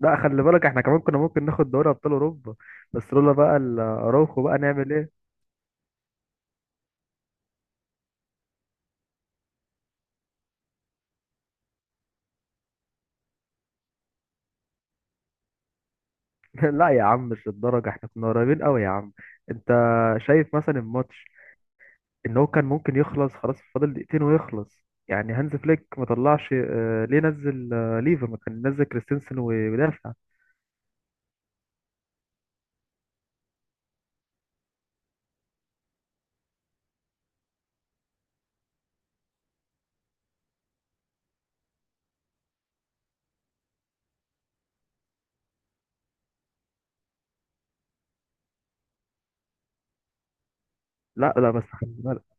لا، خلي بالك احنا كمان كنا ممكن ناخد دوري ابطال اوروبا، بس لولا بقى الاراوخو بقى نعمل ايه. لا يا عم، مش للدرجه، احنا كنا قريبين قوي يا عم. انت شايف مثلا الماتش ان هو كان ممكن يخلص، خلاص فاضل دقيقتين ويخلص يعني. هانز فليك ما طلعش، ليه نزل ليفا؟ ما كان نزل كريستنسن ويدافع. لا لا، بس خلي بالك.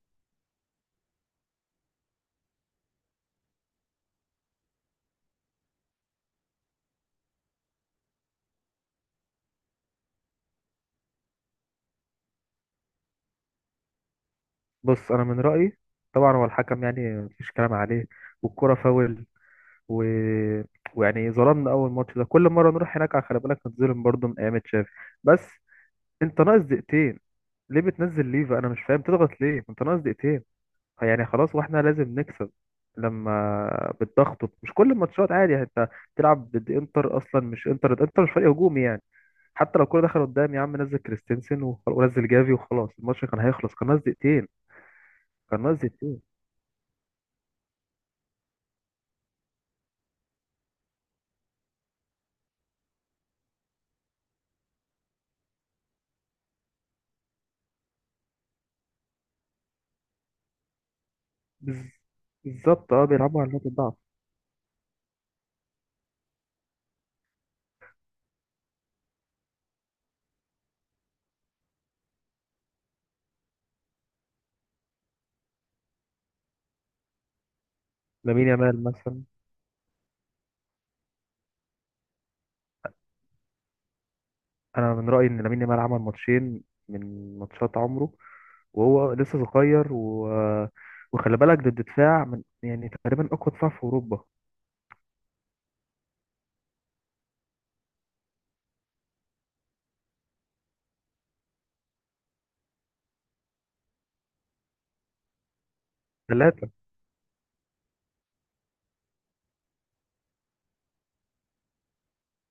بص انا من رايي، طبعا هو الحكم يعني مفيش كلام عليه، والكره فاول و... ويعني ظلمنا. اول ماتش ده كل مره نروح هناك على خلي بالك نتظلم برضه من ايام تشافي. بس انت ناقص دقيقتين، ليه بتنزل ليفا؟ انا مش فاهم، تضغط ليه انت ناقص دقيقتين؟ يعني خلاص، واحنا لازم نكسب. لما بتضغط، مش كل الماتشات عادي يعني، انت بتلعب ضد انتر اصلا، مش انتر، انتر مش فريق هجومي يعني. حتى لو الكوره دخل قدام يا عم، نزل كريستنسن ونزل جافي وخلاص الماتش كان هيخلص، كان ناقص دقيقتين. كان ناقص دقيقتين. بز- بالظبط اه، بيلعبوا على نقطه ضعف. لامين يامال مثلا. انا من رايي ان لامين يامال عمل ماتشين من ماتشات عمره، وهو لسه صغير وخلي بالك ضد دفاع من يعني تقريبا اقوى دفاع في اوروبا. ثلاثه.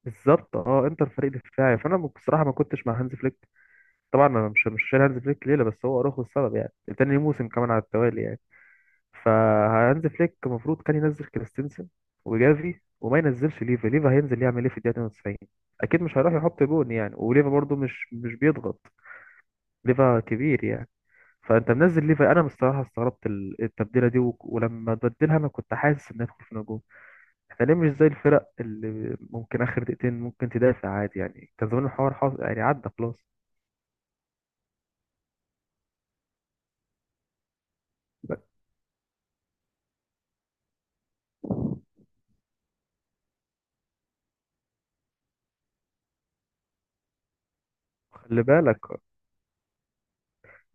بالظبط اه، انتر فريق دفاعي، فانا بصراحه ما كنتش مع هانز فليك. طبعا انا مش شايل هانز فليك ليله، بس هو اراخو السبب يعني، تاني موسم كمان على التوالي يعني. فهانز فليك المفروض كان ينزل كريستنسن وجافي، وما ينزلش ليفا. ليفا هينزل يعمل ايه في الدقيقه 92؟ اكيد مش هيروح يحط جون يعني. وليفا برضو مش بيضغط، ليفا كبير يعني. فانت منزل ليفا، انا الصراحه استغربت التبديله دي، ولما بدلها انا كنت حاسس ان هندخل في نجوم. احنا ليه مش زي الفرق اللي ممكن اخر دقيقتين ممكن تدافع عادي يعني؟ كان زمان الحوار حاصل يعني، عدى خلاص. لا، خلي بالك.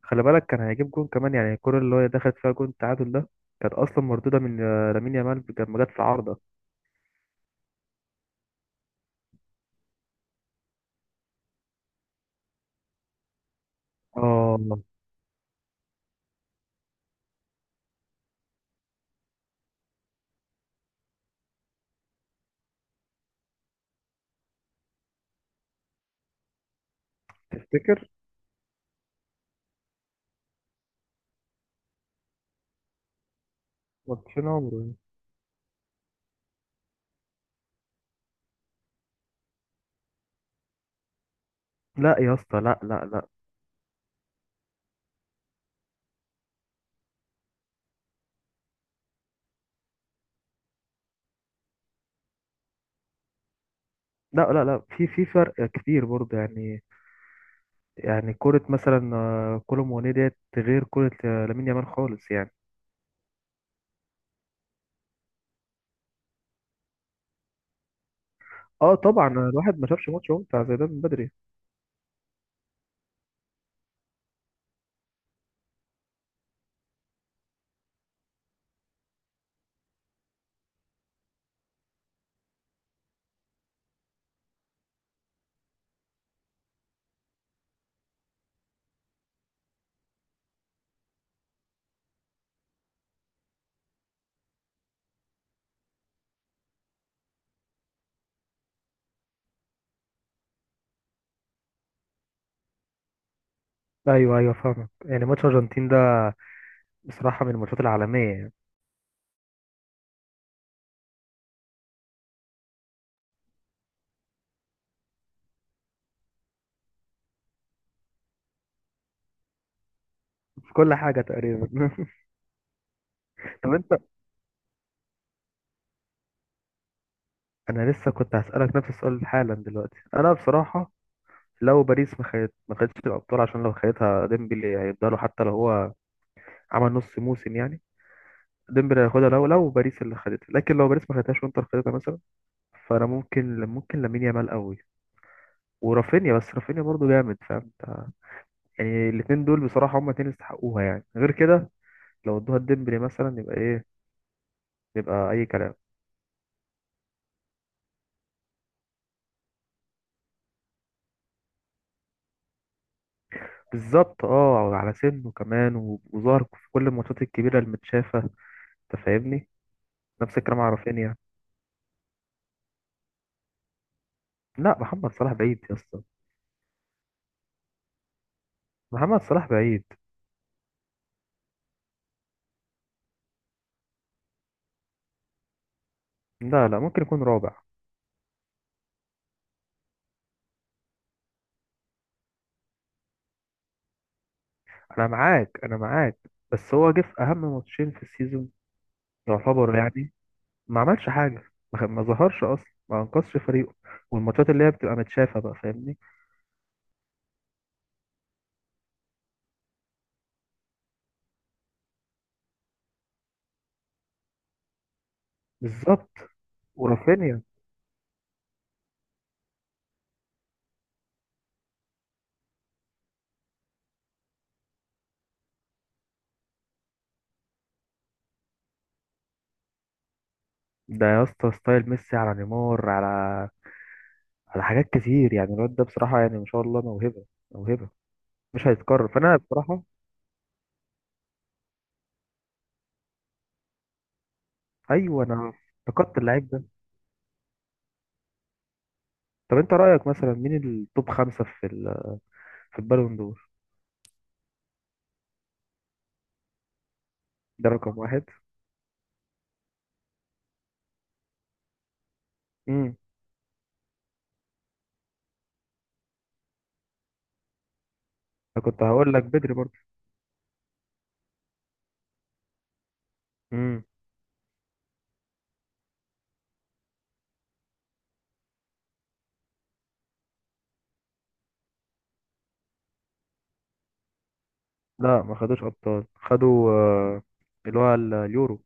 خلي بالك كان هيجيب جون كمان يعني، الكره اللي هي دخلت فيها جون التعادل ده كانت اصلا مردوده من لامين يامال لما جت في عارضه. اه. تفتكر؟ ماتشين عمره. لا يا اسطى، لا لا لا لا لا. لا، في فرق كبير برضه يعني. يعني كرة مثلا كولوم وني ديت غير كرة لامين يامال خالص يعني. اه طبعا، الواحد ما شافش ماتش ممتع زي ده من بدري. ايوه ايوه، فاهمك. يعني ماتش الارجنتين ده بصراحه من الماتشات العالميه يعني، في كل حاجه تقريبا. طب انت انا لسه كنت هسألك نفس السؤال حالا دلوقتي. انا بصراحة لو باريس ما خدت، ما خدتش الابطال، عشان لو خدتها ديمبلي هيفضلوا حتى لو هو عمل نص موسم يعني. ديمبلي هياخدها لو باريس اللي خدتها. لكن لو باريس ما خدتهاش وانتر خدتها مثلا، فانا ممكن لامين يامال قوي ورافينيا. بس رافينيا برضه جامد، فاهم انت. يعني الاتنين دول بصراحة هما اتنين يستحقوها يعني، غير كده لو ادوها لديمبلي مثلا يبقى ايه؟ يبقى اي كلام. بالظبط اه، على سنه كمان، وظهر في كل الماتشات الكبيرة المتشافة. انت فاهمني. نفس الكلام على رافينيا. لا، محمد صلاح بعيد يا اسطى. محمد صلاح بعيد. لا لا، ممكن يكون رابع. انا معاك انا معاك، بس هو جه في اهم ماتشين في السيزون يعتبر يعني، ما عملش حاجة. ما ظهرش اصلا، ما انقذش فريقه. والماتشات اللي هي بتبقى متشافة بقى، فاهمني. بالظبط. ورافينيا. ده يا اسطى ستايل ميسي، على نيمار، على على حاجات كتير يعني. الواد ده بصراحة يعني ما شاء الله موهبة. موهبة مش هيتكرر، فأنا بصراحة. أيوه، أنا افتقدت اللعيب ده. طب أنت رأيك مثلا مين التوب خمسة في ال... في البالون دور؟ ده رقم واحد. امم. أنا كنت هقول لك بدري برضه. امم. لا، ما خدوش أبطال، خدوا اللي هو اليورو.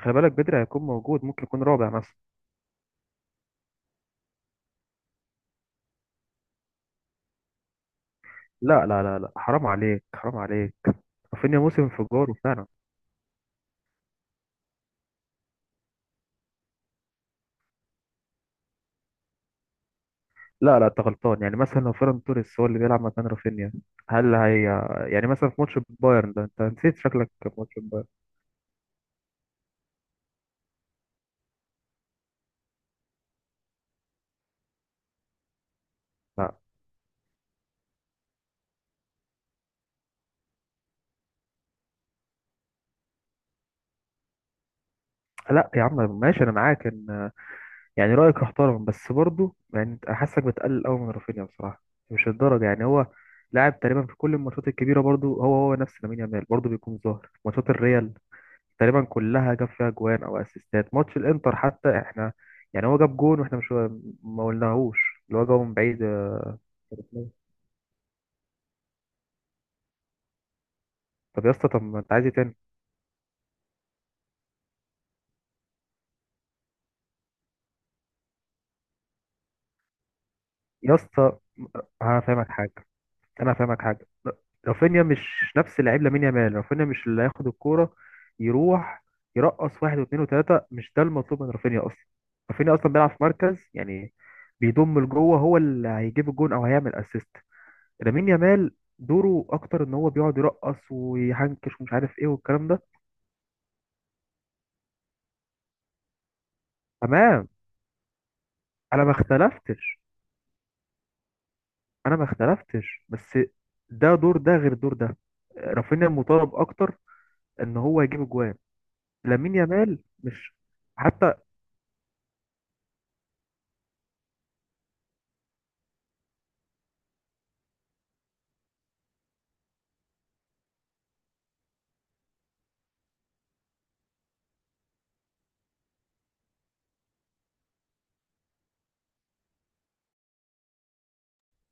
خلي بالك بدري هيكون موجود، ممكن يكون رابع مثلا. لا لا لا لا، حرام عليك، حرام عليك. رافينيا موسم انفجاره فعلا. لا لا، انت غلطان. يعني مثلا لو فيران توريس هو اللي بيلعب مكان رافينيا، هل هي، يعني مثلا في ماتش بايرن ده انت نسيت شكلك؟ ماتش بايرن. لا لا يا عم، ماشي انا معاك ان، يعني رايك محترم. بس برضه يعني انت حاسك بتقلل قوي من رافينيا بصراحه، مش الدرجه يعني. هو لاعب تقريبا في كل الماتشات الكبيره برضه، هو نفس لامين يامال برضه، بيكون ظاهر في ماتشات الريال تقريبا كلها، جاب فيها جوان او اسيستات. ماتش الانتر حتى احنا يعني، هو جاب جون واحنا مش ما قلناهوش اللي هو جابه من بعيد. طب يا اسطى، طب ما انت عايز إيه تاني؟ يا اسطى هفهمك حاجه، انا هفهمك حاجه. رافينيا مش نفس لعيب لامين يامال. رافينيا مش اللي هياخد الكوره يروح يرقص واحد واثنين وثلاثه، مش ده المطلوب من رافينيا اصلا. رافينيا اصلا بيلعب في مركز يعني، بيضم لجوه، هو اللي هيجيب الجون او هيعمل اسيست. لامين يامال دوره اكتر ان هو بيقعد يرقص ويحنكش ومش عارف ايه والكلام ده. تمام. انا ما اختلفتش، انا ما اختلفتش، بس ده دور ده غير دور ده. رافينيا المطالب اكتر ان هو يجيب اجوان. لامين يامال مش حتى.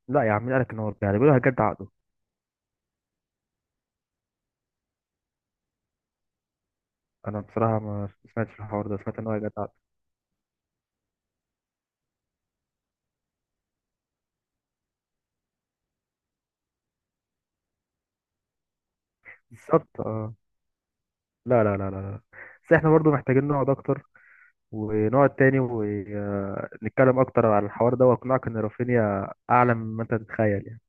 لا يا عم، مين قالك ان هو بتاع ده؟ بيقولوا هيجدد عقده. انا بصراحه ما سمعتش الحوار ده، سمعت ان هو هيجدد عقده. بالظبط اه. لا لا لا لا لا، بس احنا برضو محتاجين نقعد اكتر، ونقعد تاني ونتكلم اكتر على الحوار ده واقنعك ان رافينيا اعلى مما انت تتخيل يعني.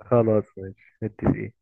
خلاص ماشي، متفقين.